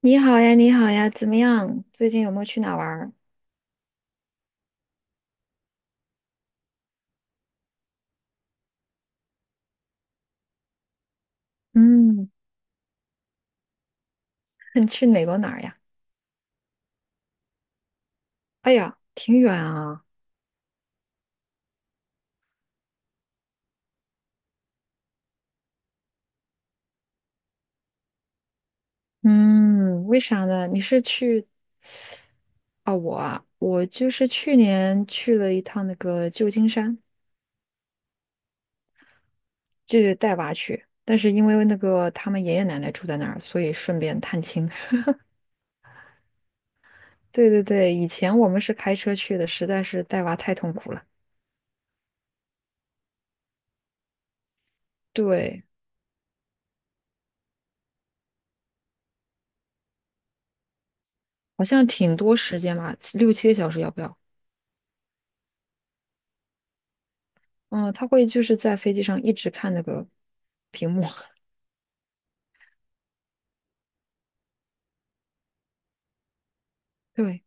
你好呀，你好呀，怎么样？最近有没有去哪玩儿？嗯。你去美国哪儿呀？哎呀，挺远啊。嗯，为啥呢？你是去啊？我就是去年去了一趟那个旧金山，就是带娃去。但是因为那个他们爷爷奶奶住在那儿，所以顺便探亲。对对对，以前我们是开车去的，实在是带娃太痛苦了。对，好像挺多时间吧，6、7个小时要不要？嗯，他会就是在飞机上一直看那个屏幕。对。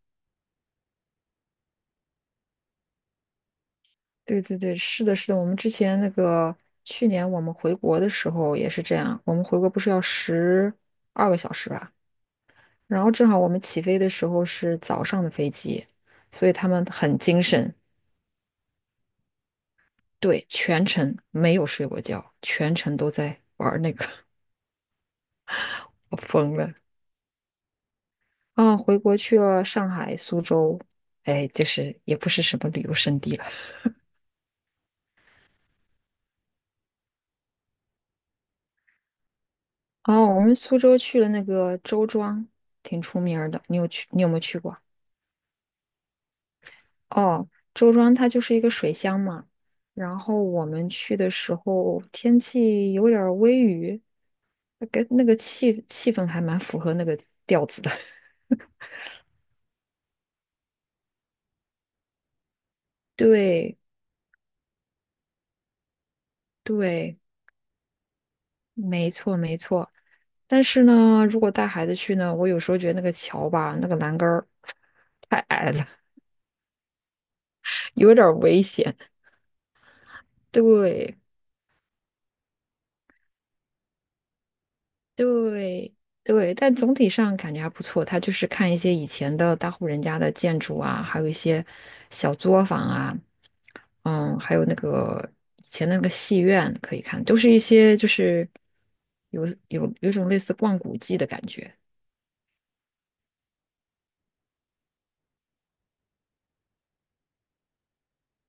对对对，是的，是的。我们之前去年我们回国的时候也是这样，我们回国不是要12个小时吧？然后正好我们起飞的时候是早上的飞机，所以他们很精神。对，全程没有睡过觉，全程都在玩那个。我疯了。啊，回国去了上海、苏州。哎，就是也不是什么旅游胜地了。哦，我们苏州去了那个周庄，挺出名儿的。你有去？你有没有去过？哦，周庄它就是一个水乡嘛。然后我们去的时候天气有点儿微雨，那个气氛还蛮符合那个调子的。对对。没错没错。但是呢，如果带孩子去呢，我有时候觉得那个桥吧，那个栏杆儿 太矮了。有点儿危险。对对对，但总体上感觉还不错。他就是看一些以前的大户人家的建筑啊，还有一些小作坊啊，嗯，还有那个以前那个戏院可以看，都是一些就是有一种类似逛古迹的感觉。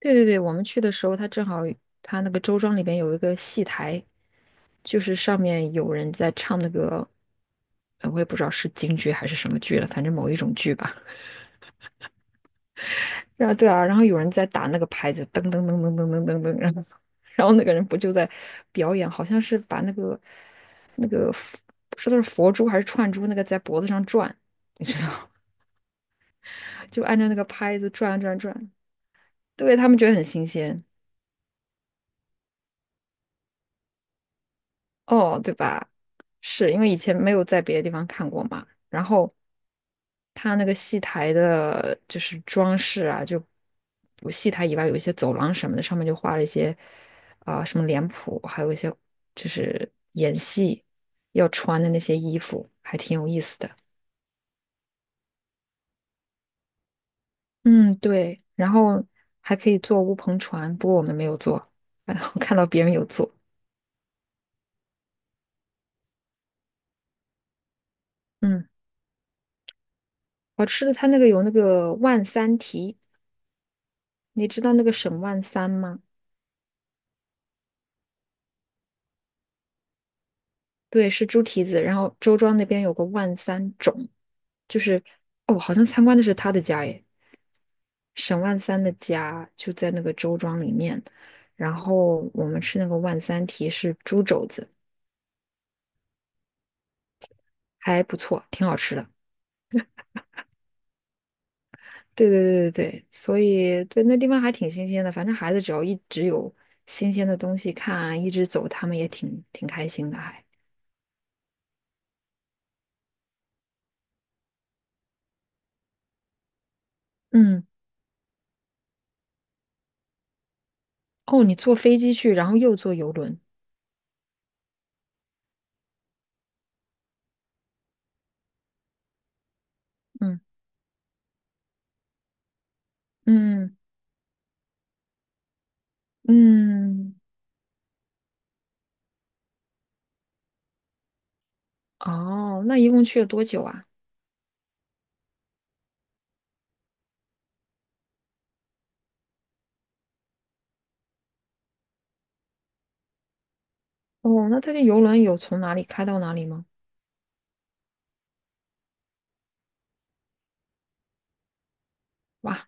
对对对，我们去的时候，他正好那个周庄里边有一个戏台，就是上面有人在唱那个。我也不知道是京剧还是什么剧了，反正某一种剧吧。对啊，对啊，然后有人在打那个拍子，噔噔噔噔噔噔噔噔，然后那个人不就在表演，好像是把那个不知道是佛珠还是串珠，那个在脖子上转，你知道。就按照那个拍子转转转，对他们觉得很新鲜。哦，对吧？是因为以前没有在别的地方看过嘛，然后它那个戏台的，就是装饰啊，就不戏台以外有一些走廊什么的，上面就画了一些啊、什么脸谱，还有一些就是演戏要穿的那些衣服，还挺有意思的。嗯，对，然后还可以坐乌篷船，不过我们没有坐。我看到别人有坐。嗯，好吃的，它那个有那个万三蹄，你知道那个沈万三吗？对，是猪蹄子，然后周庄那边有个万三种。就是哦，好像参观的是他的家耶，沈万三的家就在那个周庄里面。然后我们吃那个万三蹄是猪肘子，还不错，挺好吃的。对对对对对，所以对那地方还挺新鲜的。反正孩子只要一直有新鲜的东西看啊，一直走，他们也挺挺开心的还。嗯。哦，你坐飞机去，然后又坐游轮。嗯嗯嗯。哦，那一共去了多久啊？哦，那他的游轮有从哪里开到哪里吗？哇。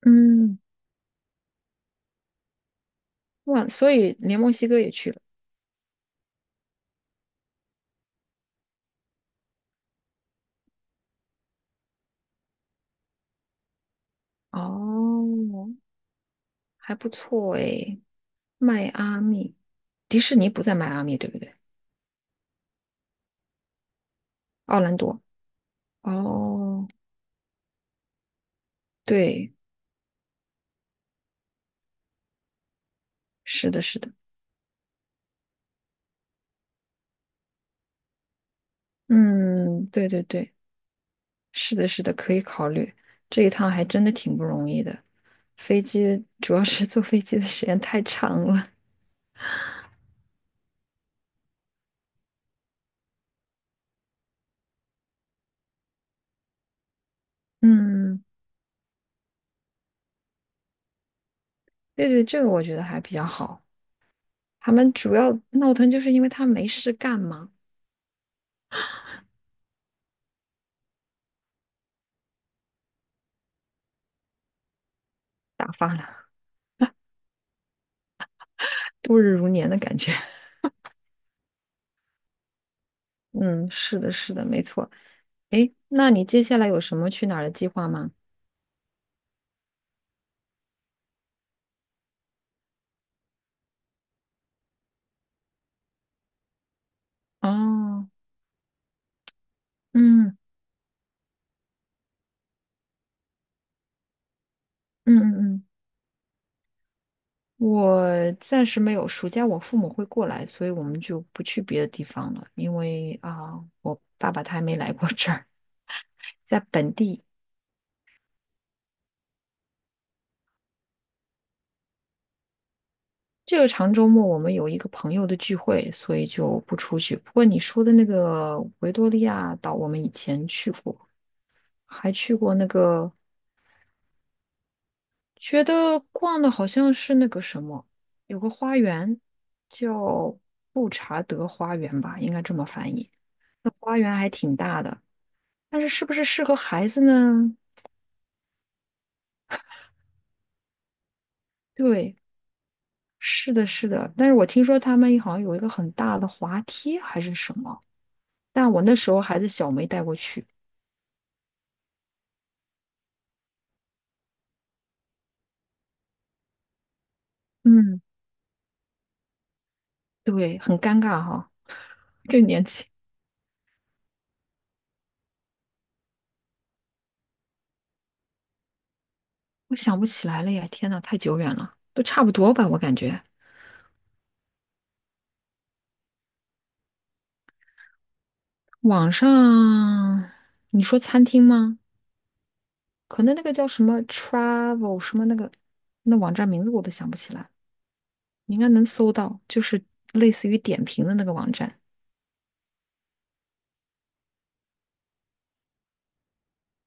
嗯。哇，所以连墨西哥也去了。哦，还不错诶。迈阿密，迪士尼不在迈阿密，对不对？奥兰多。哦，对，是的，是的，嗯，对对对，是的，是的，可以考虑。这一趟还真的挺不容易的，飞机主要是坐飞机的时间太长了。嗯，对对，这个我觉得还比较好。他们主要闹腾就是因为他没事干嘛，打发了度日如年的感觉。嗯，是的，是的，没错。诶，那你接下来有什么去哪儿的计划吗？哦，嗯嗯嗯嗯，我暂时没有。暑假我父母会过来，所以我们就不去别的地方了，因为啊，我爸爸他还没来过这儿，在本地。这个长周末我们有一个朋友的聚会，所以就不出去。不过你说的那个维多利亚岛，我们以前去过，还去过那个觉得逛的好像是那个什么，有个花园叫布查德花园吧，应该这么翻译。那花园还挺大的，但是是不是适合孩子呢？对，是的，是的。但是我听说他们好像有一个很大的滑梯还是什么，但我那时候孩子小没带过去。嗯，对，很尴尬哈。就年轻，我想不起来了呀，天呐，太久远了，都差不多吧，我感觉。网上，你说餐厅吗？可能那个叫什么 travel 什么那个那网站名字我都想不起来，你应该能搜到，就是类似于点评的那个网站。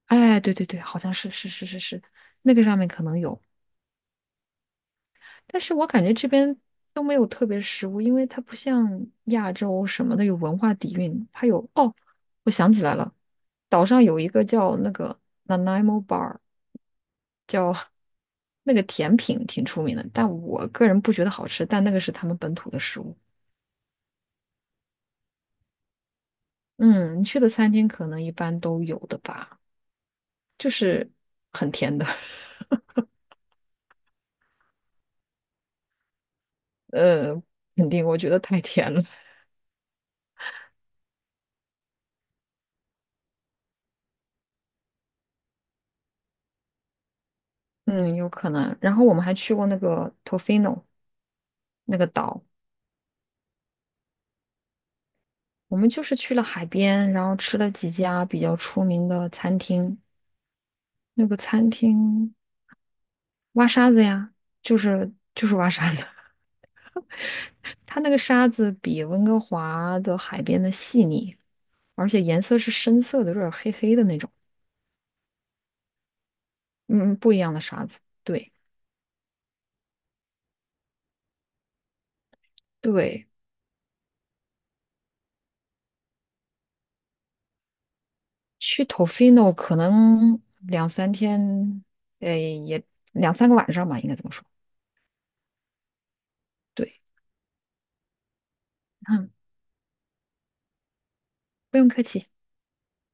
哎，对对对，好像是是是是是，那个上面可能有，但是我感觉这边都没有特别食物，因为它不像亚洲什么的有文化底蕴，它有哦，我想起来了，岛上有一个叫那个 Nanaimo Bar。叫那个甜品挺出名的，但我个人不觉得好吃，但那个是他们本土的食物。嗯，你去的餐厅可能一般都有的吧，很甜的。呃，肯定我觉得太甜了。嗯，有可能。然后我们还去过那个 Tofino 那个岛，我们就是去了海边，然后吃了几家比较出名的餐厅。那个餐厅挖沙子呀，就是就是挖沙子。它那个沙子比温哥华的海边的细腻，而且颜色是深色的，有点黑黑的那种。嗯，不一样的沙子。对对，去 Tofino 可能2、3天，呃，也2、3个晚上吧，应该这么说。对。嗯，不用客气。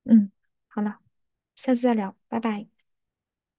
嗯，好了，下次再聊，拜拜。